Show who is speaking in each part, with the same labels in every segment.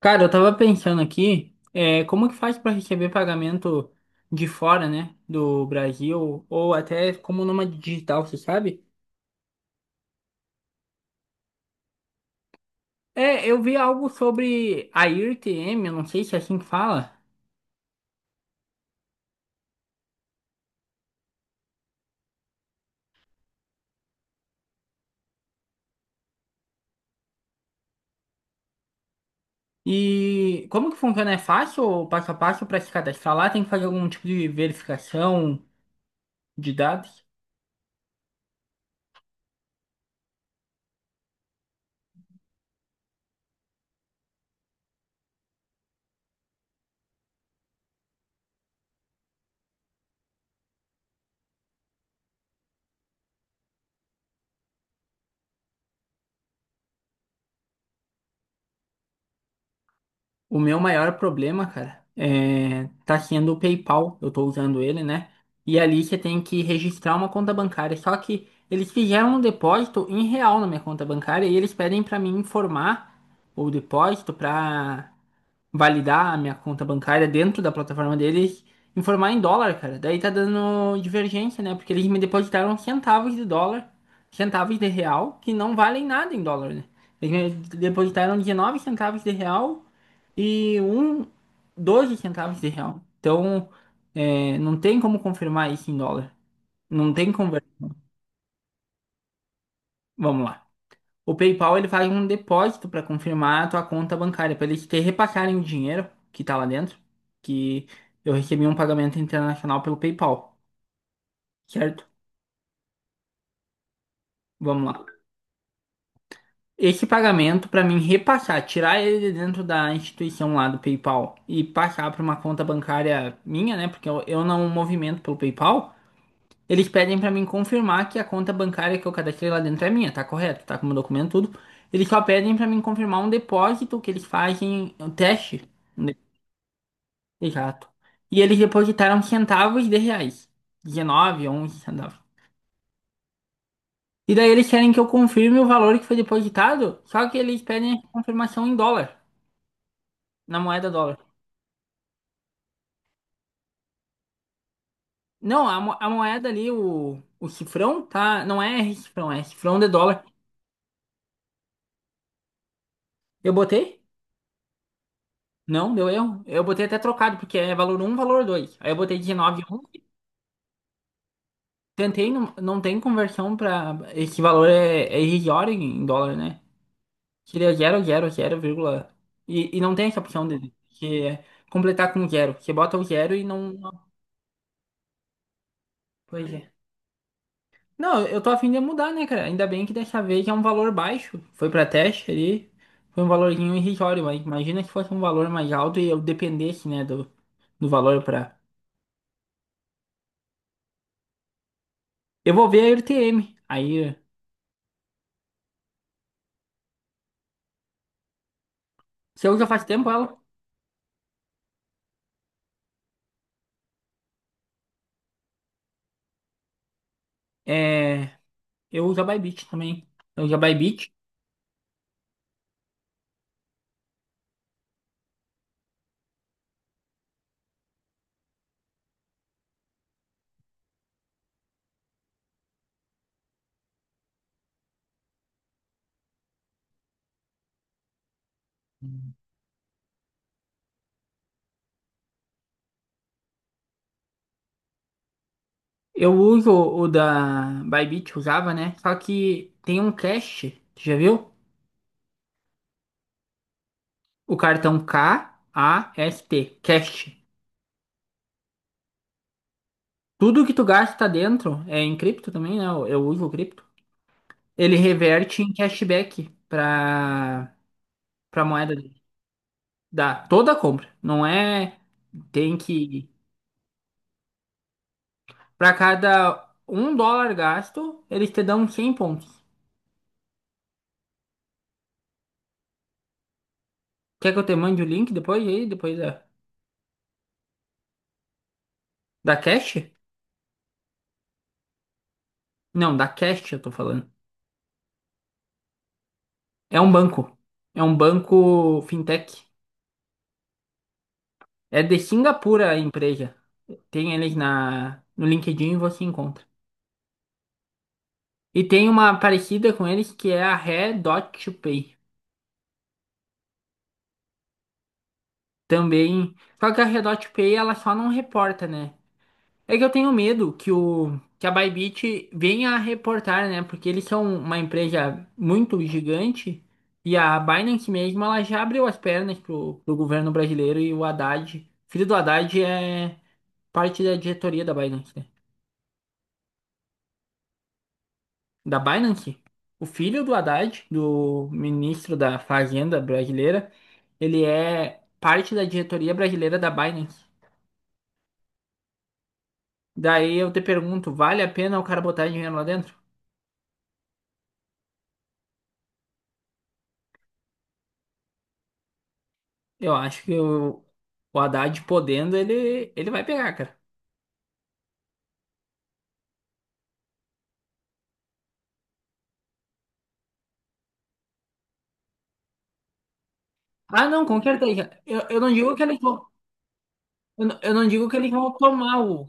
Speaker 1: Cara, eu tava pensando aqui, como que faz pra receber pagamento de fora, né, do Brasil, ou até como nômade digital, você sabe? É, eu vi algo sobre a IRTM, eu não sei se é assim que fala, e como que funciona? É fácil, o passo a passo, pra se cadastrar lá? Tem que fazer algum tipo de verificação de dados? O meu maior problema, cara, tá sendo o PayPal. Eu tô usando ele, né? E é ali você tem que registrar uma conta bancária. Só que eles fizeram um depósito em real na minha conta bancária e eles pedem pra mim informar o depósito pra validar a minha conta bancária dentro da plataforma deles, informar em dólar, cara. Daí tá dando divergência, né? Porque eles me depositaram centavos de dólar, centavos de real, que não valem nada em dólar, né? Eles me depositaram 19 centavos de real e 12 centavos de real. Então, não tem como confirmar isso em dólar. Não tem conversa. Vamos lá. O PayPal ele faz um depósito para confirmar a tua conta bancária, para eles te repassarem o dinheiro que tá lá dentro, que eu recebi um pagamento internacional pelo PayPal, certo? Vamos lá. Esse pagamento, para mim repassar, tirar ele de dentro da instituição lá do PayPal e passar para uma conta bancária minha, né? Porque eu não movimento pelo PayPal. Eles pedem pra mim confirmar que a conta bancária que eu cadastrei lá dentro é minha, tá correto, tá com o meu documento tudo. Eles só pedem pra mim confirmar um depósito que eles fazem, um teste. Um de- Exato. E eles depositaram centavos de reais. 19, 11 centavos. E daí eles querem que eu confirme o valor que foi depositado, só que eles pedem a confirmação em dólar, na moeda dólar. Não, a moeda ali, o cifrão, tá? Não é cifrão, é cifrão de dólar. Eu botei? Não, deu erro. Eu botei até trocado, porque é valor um, valor 2. Aí eu botei 19,1. Tentei, não, não tem conversão pra. Esse valor é irrisório em dólar, né? Seria zero, zero, zero vírgula. E não tem essa opção dele, que é completar com zero. Você bota o zero e não. Pois é. Não, eu tô a fim de mudar, né, cara? Ainda bem que dessa vez é um valor baixo. Foi pra teste ali. Foi um valorzinho irrisório, mas imagina se fosse um valor mais alto e eu dependesse, né, do valor pra. Eu vou ver a RTM. Aí. Você usa faz tempo ela? É, eu uso a Bybit também. Eu uso a Bybit. Eu uso o da Bybit, usava, né? Só que tem um cache, já viu? O cartão K-A-S-T, cache. Tudo que tu gasta dentro, é em cripto também, né? Eu uso o cripto. Ele reverte em cashback pra moeda da toda a compra. Não é, tem que, pra cada $1 gasto, eles te dão 100 pontos. Quer que eu te mande o link depois aí? Depois da. Da Cash? Não, da Cash eu tô falando. É um banco. É um banco fintech. É de Singapura a empresa. Tem eles no LinkedIn e você encontra. E tem uma parecida com eles que é a Redot Pay. Também. Só que a Redot Pay ela só não reporta, né? É que eu tenho medo que o que a Bybit venha a reportar, né? Porque eles são uma empresa muito gigante e a Binance mesmo, ela já abriu as pernas pro governo brasileiro e o Haddad, filho do Haddad é parte da diretoria da Binance, né? Da Binance? O filho do Haddad, do ministro da Fazenda brasileira, ele é parte da diretoria brasileira da Binance. Daí eu te pergunto, vale a pena o cara botar dinheiro lá dentro? Eu acho que o Haddad podendo, ele vai pegar, cara. Ah, não, com certeza. Eu não digo que eles vão. Eu não digo que eles vão tomar o.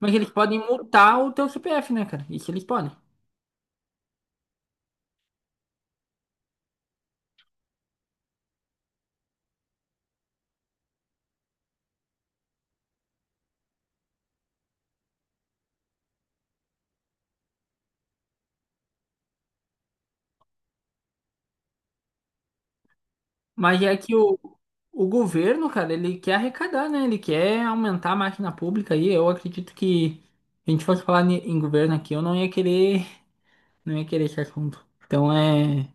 Speaker 1: Mas eles podem multar o teu CPF, né, cara? Isso eles podem. Mas é que o governo, cara, ele quer arrecadar, né? Ele quer aumentar a máquina pública aí. Eu acredito que se a gente fosse falar em governo aqui, eu não ia querer, não ia querer esse assunto. Então é.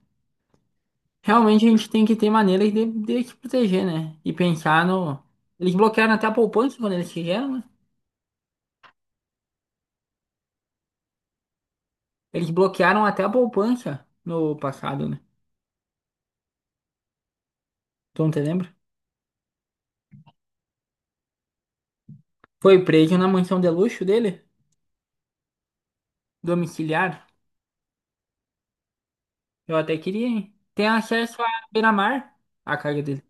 Speaker 1: Realmente a gente tem que ter maneiras de se proteger, né? E pensar no. Eles bloquearam até a poupança quando eles fizeram, né? Eles bloquearam até a poupança no passado, né? Tu não te lembra? Foi preso na mansão de luxo dele, domiciliar. Eu até queria, hein? Tem acesso a beira-mar, a casa dele.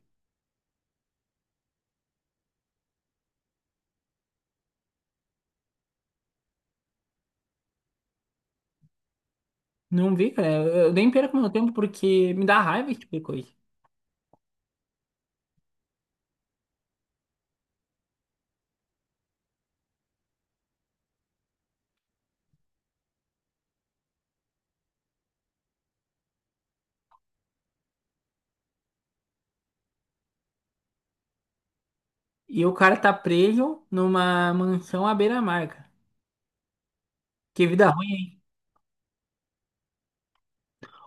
Speaker 1: Não vi, cara. Eu nem perco meu tempo porque me dá raiva esse tipo de coisa. E o cara tá preso numa mansão à beira-mar, cara. Que vida ruim, hein?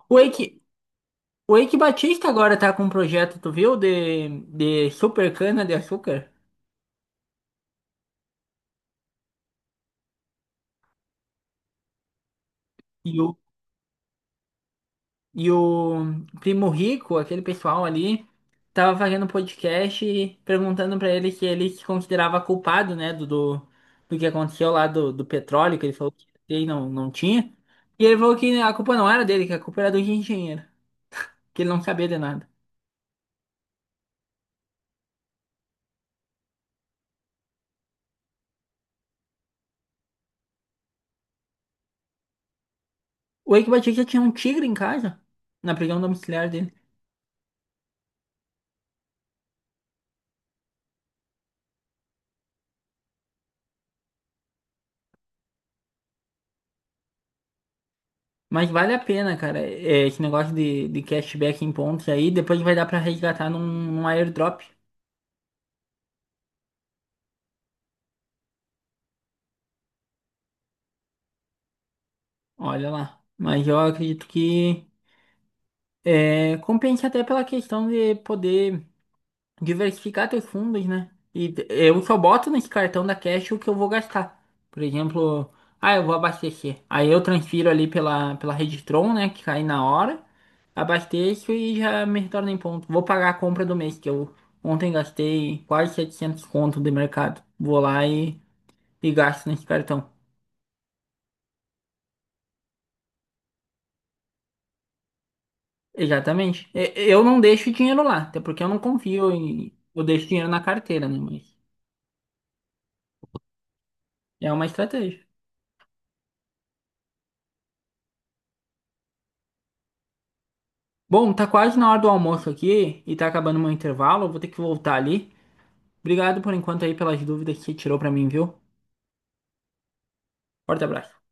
Speaker 1: O Wake, O Eike Batista agora tá com um projeto, tu viu? De super cana de açúcar. E o, e o Primo Rico, aquele pessoal ali, tava fazendo um podcast e perguntando pra ele se considerava culpado, né, do que aconteceu lá do petróleo, que ele falou que tinha e não, não tinha. E ele falou que a culpa não era dele, que a culpa era do engenheiro, que ele não sabia de nada. O Eike Batista tinha um tigre em casa, na prisão domiciliar dele. Mas vale a pena, cara, esse negócio de cashback em pontos aí, depois vai dar pra resgatar num airdrop. Olha lá. Mas eu acredito que compensa até pela questão de poder diversificar teus fundos, né? E eu só boto nesse cartão da Cash o que eu vou gastar. Por exemplo, ah, eu vou abastecer. Aí eu transfiro ali pela rede Tron, né? Que cai na hora. Abasteço e já me retorna em ponto. Vou pagar a compra do mês, que eu ontem gastei quase 700 conto de mercado. Vou lá e gasto nesse cartão. Exatamente. Eu não deixo dinheiro lá, até porque eu não confio em. Eu deixo dinheiro na carteira, né? Mas é uma estratégia. Bom, tá quase na hora do almoço aqui e tá acabando meu intervalo. Eu vou ter que voltar ali. Obrigado por enquanto aí pelas dúvidas que você tirou pra mim, viu? Forte abraço.